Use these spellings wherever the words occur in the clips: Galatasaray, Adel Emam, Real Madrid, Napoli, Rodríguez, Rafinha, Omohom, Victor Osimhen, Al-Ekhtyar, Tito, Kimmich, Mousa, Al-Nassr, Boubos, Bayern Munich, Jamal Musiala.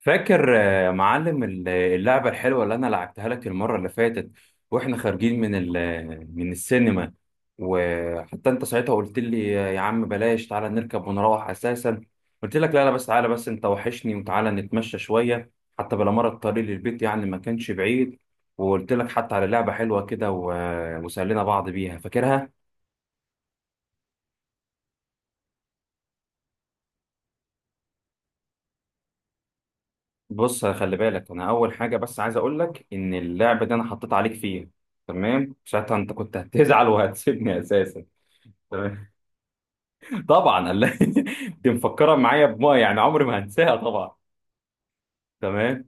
فاكر يا معلم اللعبة الحلوة اللي أنا لعبتها لك المرة اللي فاتت، وإحنا خارجين من من السينما. وحتى أنت ساعتها قلت لي يا عم بلاش، تعالى نركب ونروح أساسا. قلت لك لا لا، بس تعالى، بس أنت وحشني وتعالى نتمشى شوية، حتى بلا مرة الطريق للبيت يعني ما كانش بعيد. وقلت لك حتى على لعبة حلوة كده وسألنا بعض بيها، فاكرها؟ بص خلي بالك، انا اول حاجه بس عايز اقول لك ان اللعب ده انا حطيت عليك فيه. تمام ساعتها انت كنت هتزعل وهتسيبني اساسا. تمام. طبعا دي مفكره معايا بما يعني عمري ما هنساها طبعا. تمام.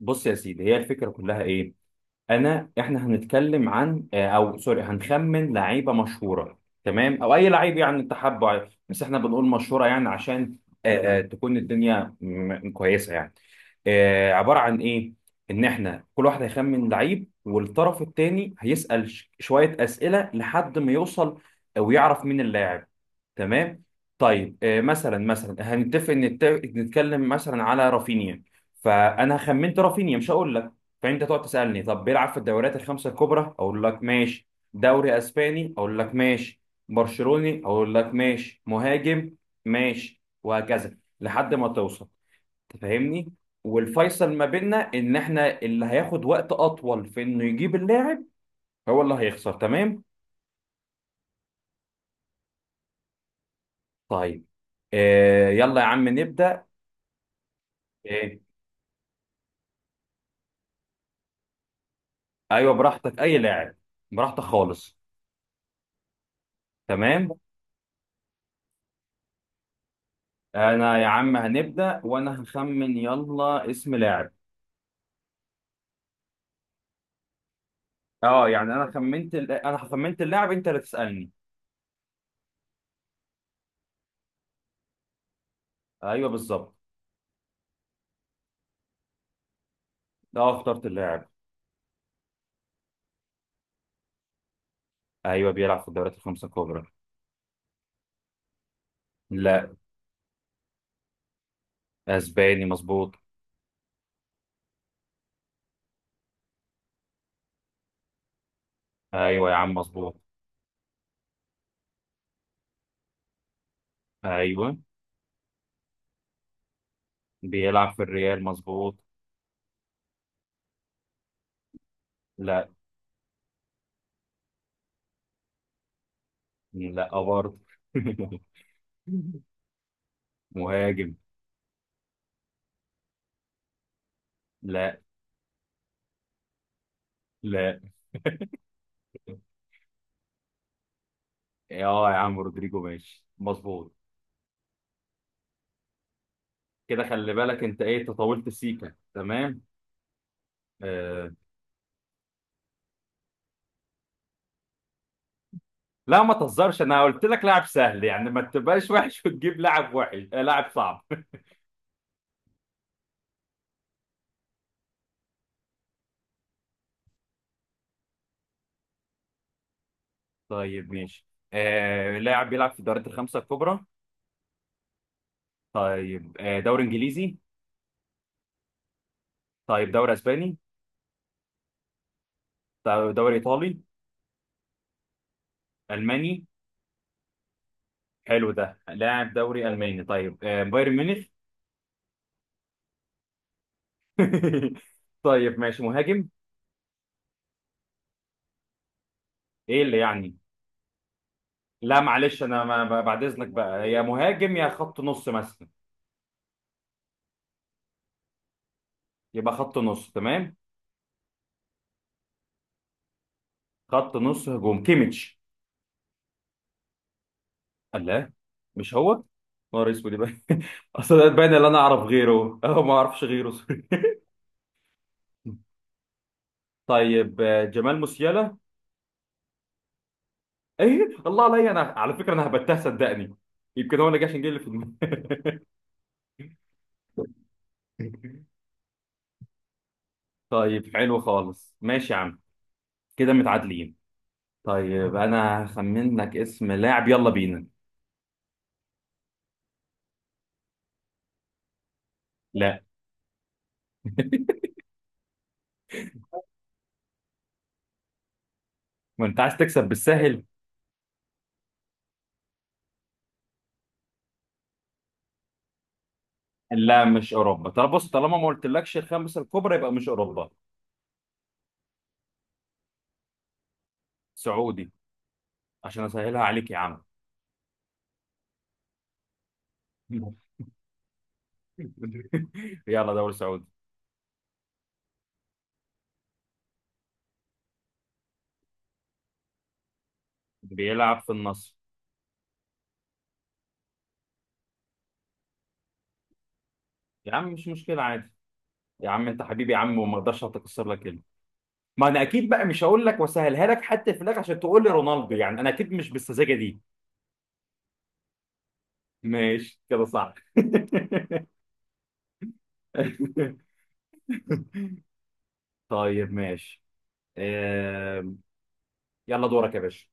بص يا سيدي، هي الفكره كلها ايه. احنا هنتكلم عن او سوري، هنخمن لعيبه مشهوره، تمام، او اي لعيب يعني انت حابه عادي. بس احنا بنقول مشهوره يعني عشان تكون الدنيا كويسه يعني. عباره عن ايه. ان احنا كل واحد هيخمن لعيب، والطرف الثاني هيسال شويه اسئله لحد ما يوصل ويعرف مين اللاعب. تمام. طيب مثلا مثلا هنتفق نتكلم مثلا على رافينيا. فانا خمنت رافينيا، مش هقول لك. فانت تقعد تسالني، طب بيلعب في الدوريات الخمسه الكبرى؟ اقول لك ماشي. دوري اسباني؟ اقول لك ماشي. برشلوني؟ اقول لك ماشي، مهاجم، ماشي، وهكذا لحد ما توصل. تفهمني. والفيصل ما بيننا ان احنا اللي هياخد وقت اطول في انه يجيب اللاعب هو اللي هيخسر. تمام. طيب يلا يا عم نبدا. آه ايوه، براحتك اي لاعب، براحتك خالص. تمام. انا يا عم هنبدا، وانا هخمن، يلا اسم لاعب. اه يعني انا خمنت انا خمنت اللاعب، انت اللي تسالني. ايوه بالظبط. اه اخترت اللاعب. ايوه بيلعب في الدوريات الخمسه الكبرى. لا. اسباني مظبوط. ايوه يا عم مظبوط. ايوه بيلعب في الريال مظبوط. لا. لا برضه. مهاجم. لا. لا. اه يا عم رودريجو ماشي مظبوط. كده خلي بالك انت ايه، أنت طولت سيكا تمام. آه. لا ما تهزرش، انا قلت لك لاعب سهل يعني، ما تبقاش وحش وتجيب لاعب وحش، لاعب صعب. طيب ماشي. لاعب بيلعب في الدوريات الخمسة الكبرى. طيب دوري انجليزي. طيب دوري اسباني. طيب دوري ايطالي. الماني. حلو ده لاعب دوري الماني. طيب بايرن ميونخ. طيب ماشي، مهاجم. ايه اللي يعني. لا معلش، انا بعد اذنك بقى، يا مهاجم يا خط نص مثلا. يبقى خط نص تمام. خط نص هجوم، كيميتش. الله. مش هو. نهار اسود يبقى. اصل ده باين اللي انا اعرف غيره، اه ما اعرفش غيره. طيب جمال موسيالا. ايه الله عليا، انا على فكره انا هبتها صدقني، يمكن هو اللي جه عشان جه اللي في دماغي. طيب حلو خالص ماشي يا عم، كده متعادلين. طيب انا هخمن لك اسم لاعب، يلا بينا. لا. ما انت عايز تكسب بالسهل. لا مش اوروبا، طب بص طالما ما قلتلكش الخمسه الكبرى يبقى مش اوروبا. سعودي، عشان اسهلها عليك يا عم. يلا دوري سعودي. بيلعب في النصر. يا عم مش مشكله عادي. يا عم انت حبيبي يا عم، وما اقدرش اتكسر لك. ما انا اكيد بقى مش هقول لك واسهلها لك حتى في الاخر عشان تقول لي رونالدو، يعني انا اكيد مش بالسذاجه دي. ماشي كده صح. طيب ماشي. آم، يلا دورك يا باشا.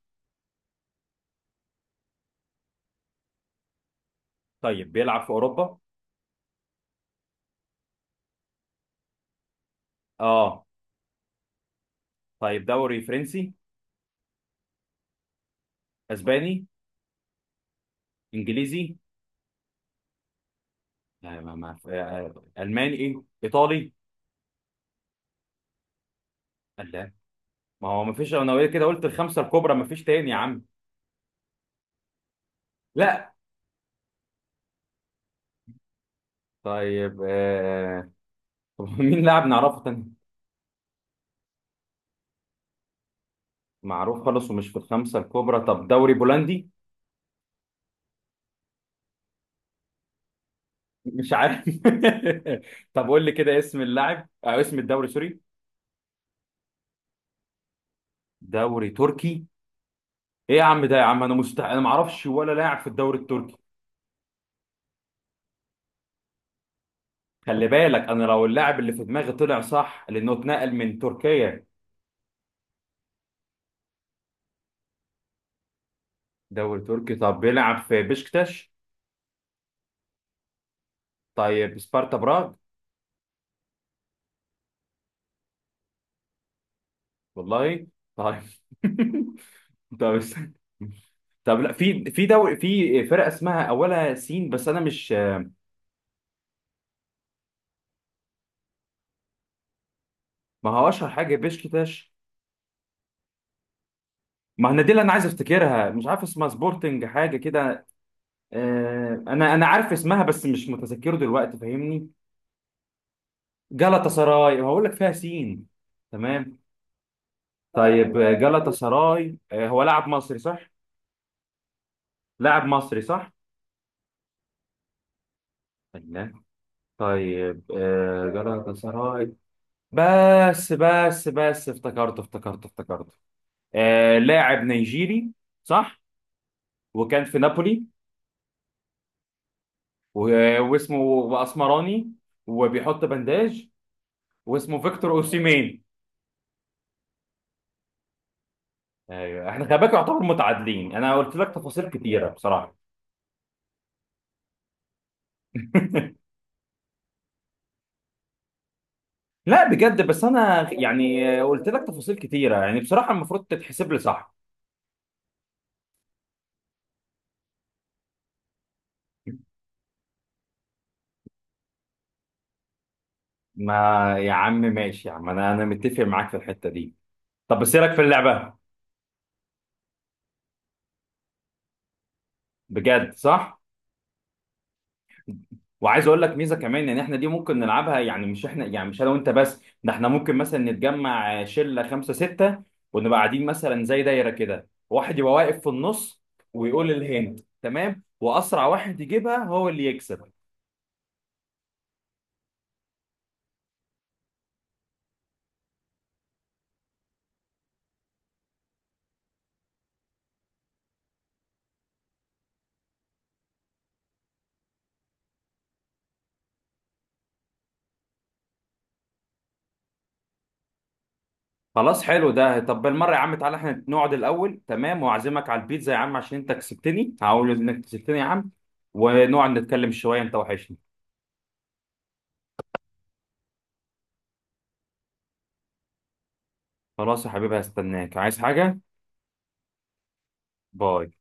طيب بيلعب في اوروبا. اه. طيب دوري فرنسي. اسباني. انجليزي. لا ما ما آه، آه، الماني ايه ايطالي. لا. ما هو ما فيش، انا كده قلت الخمسه الكبرى ما فيش تاني يا عم. لا. طيب طب مين لاعب نعرفه تاني. معروف خالص ومش في الخمسة الكبرى، طب دوري بولندي. مش عارف. طب قول لي كده اسم اللاعب أو اسم الدوري، سوري. دوري تركي. ايه يا عم ده، يا عم انا مستحيل انا ما اعرفش ولا لاعب في الدوري التركي. خلي بالك انا لو اللاعب اللي في دماغي طلع صح لانه اتنقل من تركيا. دوري تركي، طب بيلعب في بشكتاش. طيب سبارتا براغ. والله. طيب. طب است- طب لا في في دوري، في فرقة اسمها اولها سين بس انا مش. ما هو اشهر حاجه بيشكتاش. ما انا دي اللي انا عايز افتكرها مش عارف اسمها، سبورتنج حاجه كده. آه انا عارف اسمها بس مش متذكره دلوقتي، فاهمني. جالاتا سراي، هقول لك فيها سين. تمام. طيب جالاتا سراي، آه هو لاعب مصري صح. لاعب مصري صح. الله. طيب جالاتا سراي. بس بس بس افتكرته افتكرته افتكرته. آه لاعب نيجيري صح. وكان في نابولي. واسمه بأسمراني، وبيحط بنداج، واسمه فيكتور اوسيمين. ايوه احنا خلي بالك يعتبر متعادلين، انا قلت لك تفاصيل كتيره بصراحه. لا بجد، بس انا يعني قلت لك تفاصيل كتيره يعني بصراحه المفروض تتحسب لي صح. ما، يا عم ماشي يا عم، انا متفق معاك في الحته دي. طب بس إيه رايك في اللعبه؟ بجد صح. وعايز اقول لك ميزه كمان، ان احنا دي ممكن نلعبها، يعني مش احنا يعني مش انا وانت بس، ده احنا ممكن مثلا نتجمع شله خمسه سته، ونبقى قاعدين مثلا زي دايره كده، واحد يبقى واقف في النص ويقول الهند تمام، واسرع واحد يجيبها هو اللي يكسب. خلاص حلو ده، طب بالمره يا عم تعالى احنا نقعد الاول تمام، واعزمك على البيتزا يا عم عشان انت كسبتني، هقول انك كسبتني يا عم. ونقعد نتكلم شويه، انت وحشني. خلاص يا حبيبي هستناك، عايز حاجه؟ باي.